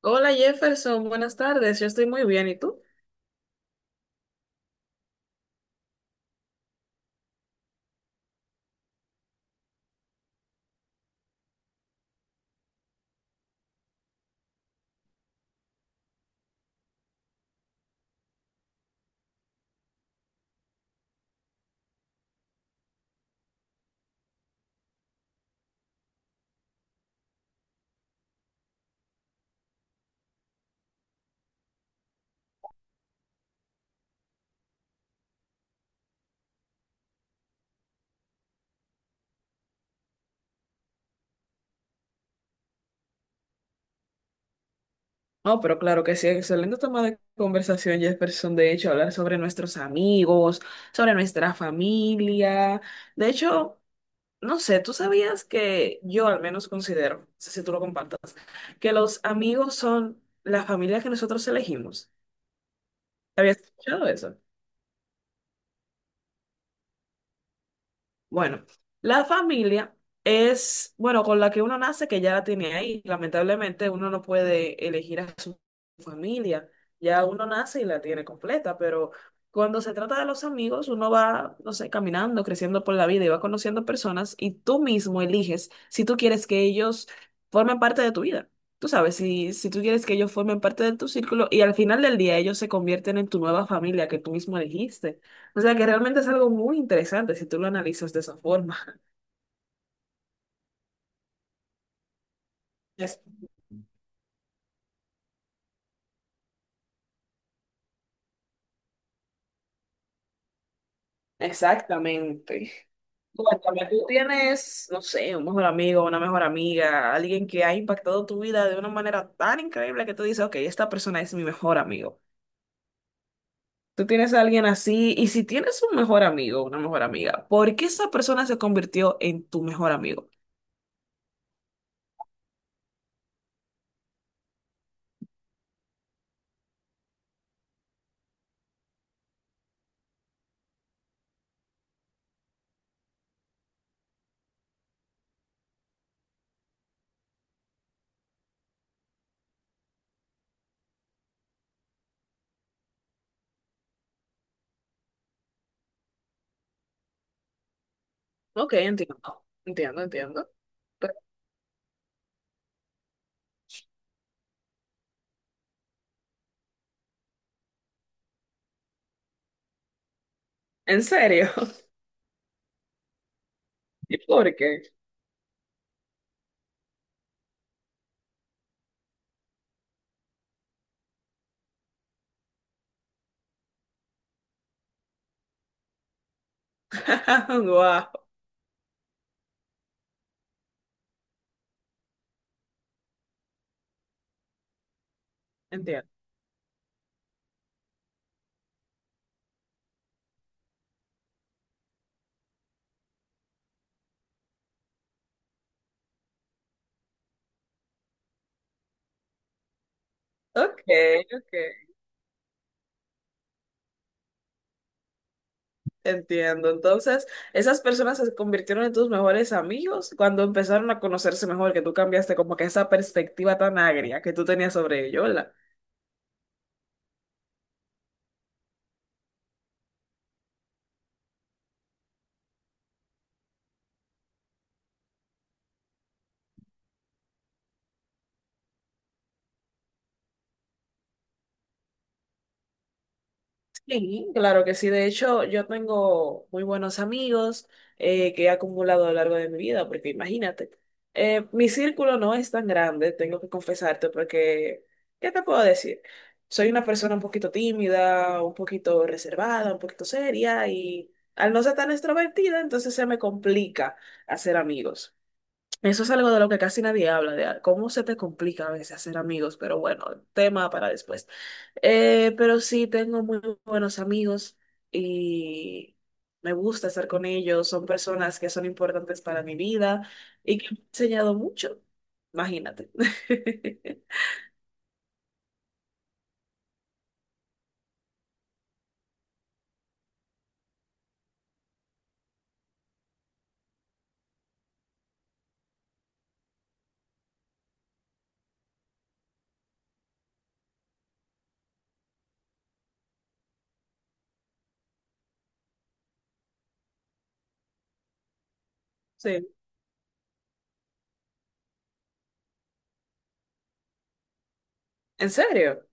Hola Jefferson, buenas tardes, yo estoy muy bien, ¿y tú? No, pero claro que sí, excelente tema de conversación Jefferson, de hecho, hablar sobre nuestros amigos, sobre nuestra familia. De hecho, no sé, ¿tú sabías que yo al menos considero, no sé si tú lo compartas, que los amigos son la familia que nosotros elegimos? ¿Habías escuchado eso? Bueno, la familia es, bueno, con la que uno nace, que ya la tiene ahí. Lamentablemente uno no puede elegir a su familia. Ya uno nace y la tiene completa, pero cuando se trata de los amigos, uno va, no sé, caminando, creciendo por la vida y va conociendo personas y tú mismo eliges si tú quieres que ellos formen parte de tu vida. Tú sabes, si tú quieres que ellos formen parte de tu círculo y al final del día ellos se convierten en tu nueva familia que tú mismo elegiste. O sea que realmente es algo muy interesante si tú lo analizas de esa forma. Es- Exactamente. Cuéntame, tú tienes, no sé, un mejor amigo, una mejor amiga, alguien que ha impactado tu vida de una manera tan increíble que tú dices, ok, esta persona es mi mejor amigo. Tú tienes a alguien así, y si tienes un mejor amigo, una mejor amiga, ¿por qué esa persona se convirtió en tu mejor amigo? Ok, entiendo, entiendo, entiendo. Pero, ¿en serio? ¿Y por qué? Wow, entiendo. Ok, ok. Entiendo. Entonces, esas personas se convirtieron en tus mejores amigos cuando empezaron a conocerse mejor, que tú cambiaste como que esa perspectiva tan agria que tú tenías sobre ellos. Sí, claro que sí. De hecho, yo tengo muy buenos amigos, que he acumulado a lo largo de mi vida, porque imagínate, mi círculo no es tan grande, tengo que confesarte, porque, ¿qué te puedo decir? Soy una persona un poquito tímida, un poquito reservada, un poquito seria, y al no ser tan extrovertida, entonces se me complica hacer amigos. Eso es algo de lo que casi nadie habla, de cómo se te complica a veces hacer amigos, pero bueno, tema para después. Pero sí, tengo muy buenos amigos y me gusta estar con ellos, son personas que son importantes para mi vida y que me han enseñado mucho, imagínate. Sí, ¿en serio?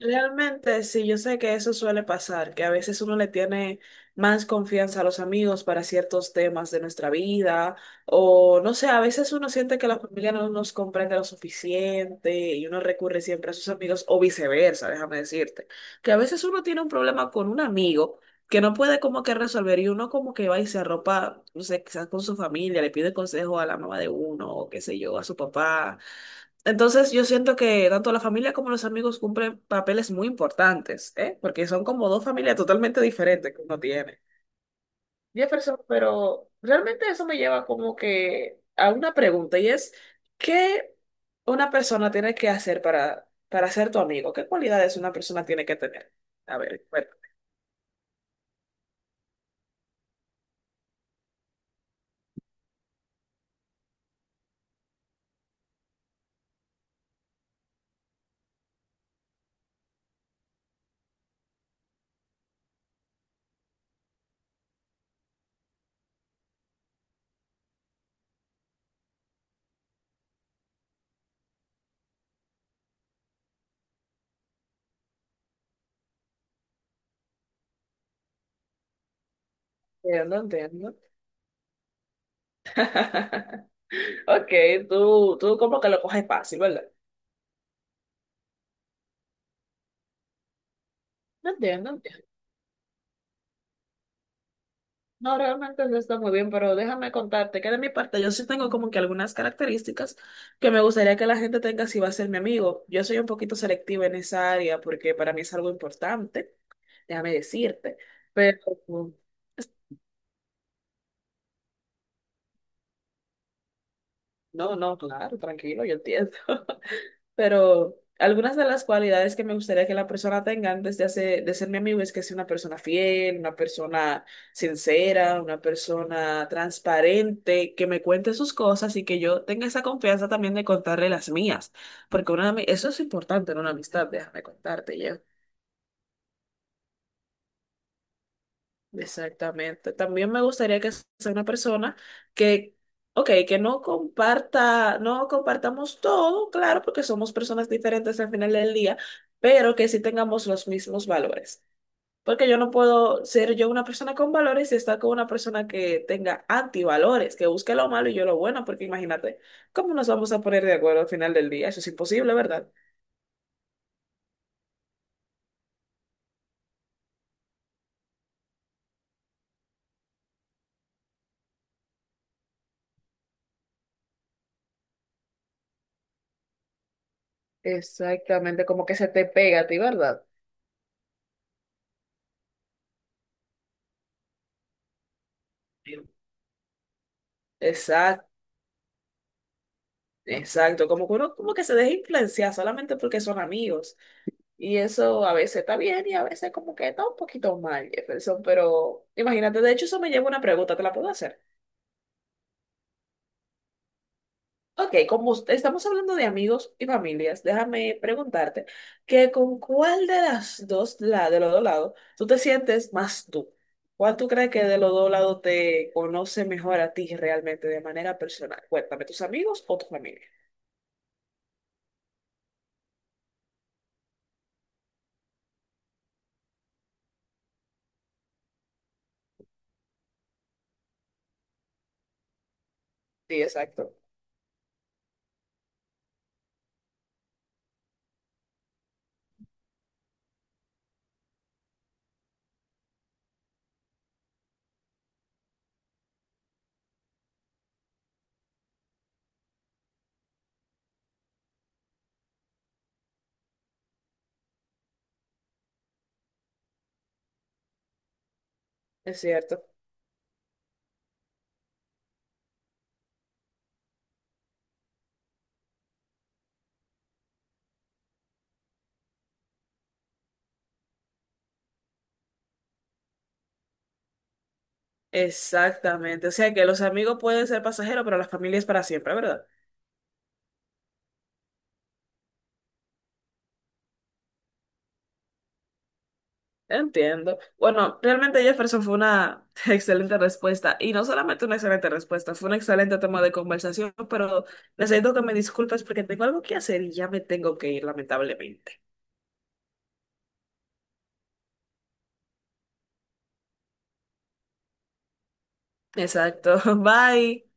Realmente, sí, yo sé que eso suele pasar, que a veces uno le tiene más confianza a los amigos para ciertos temas de nuestra vida, o no sé, a veces uno siente que la familia no nos comprende lo suficiente y uno recurre siempre a sus amigos, o viceversa, déjame decirte, que a veces uno tiene un problema con un amigo que no puede como que resolver y uno como que va y se arropa, no sé, quizás con su familia, le pide consejo a la mamá de uno, o qué sé yo, a su papá. Entonces yo siento que tanto la familia como los amigos cumplen papeles muy importantes, ¿eh? Porque son como dos familias totalmente diferentes que uno tiene. Jefferson, pero realmente eso me lleva como que a una pregunta y es, ¿qué una persona tiene que hacer para ser tu amigo? ¿Qué cualidades una persona tiene que tener? A ver, bueno. Entiendo, entiendo. Ok, tú como que lo coges fácil, ¿verdad? No entiendo. No, realmente no está muy bien, pero déjame contarte que de mi parte yo sí tengo como que algunas características que me gustaría que la gente tenga si va a ser mi amigo. Yo soy un poquito selectiva en esa área porque para mí es algo importante, déjame decirte, pero no, no, claro, tranquilo, yo entiendo. Pero algunas de las cualidades que me gustaría que la persona tenga antes de, hacer, de ser mi amigo es que sea una persona fiel, una persona sincera, una persona transparente, que me cuente sus cosas y que yo tenga esa confianza también de contarle las mías, porque una, eso es importante en una amistad, déjame contarte. Exactamente. También me gustaría que sea una persona que, ok, que no comparta, no compartamos todo, claro, porque somos personas diferentes al final del día, pero que sí tengamos los mismos valores. Porque yo no puedo ser yo una persona con valores y estar con una persona que tenga antivalores, que busque lo malo y yo lo bueno, porque imagínate, ¿cómo nos vamos a poner de acuerdo al final del día? Eso es imposible, ¿verdad? Exactamente, como que se te pega a ti, ¿verdad? Exacto. Exacto, como que uno como que se deja influenciar solamente porque son amigos. Y eso a veces está bien y a veces como que está un poquito mal, Jefferson. Pero imagínate, de hecho eso me lleva a una pregunta, ¿te la puedo hacer? Ok, como estamos hablando de amigos y familias, déjame preguntarte que con cuál de las dos, la, de los dos lados, tú te sientes más tú. ¿Cuál tú crees que de los dos lados te conoce mejor a ti realmente de manera personal? Cuéntame, ¿tus amigos o tu familia? Sí, exacto, es cierto. Exactamente, o sea que los amigos pueden ser pasajeros, pero la familia es para siempre, ¿verdad? Entiendo. Bueno, realmente Jefferson fue una excelente respuesta y no solamente una excelente respuesta, fue un excelente tema de conversación, pero necesito que me disculpes porque tengo algo que hacer y ya me tengo que ir, lamentablemente. Exacto, bye.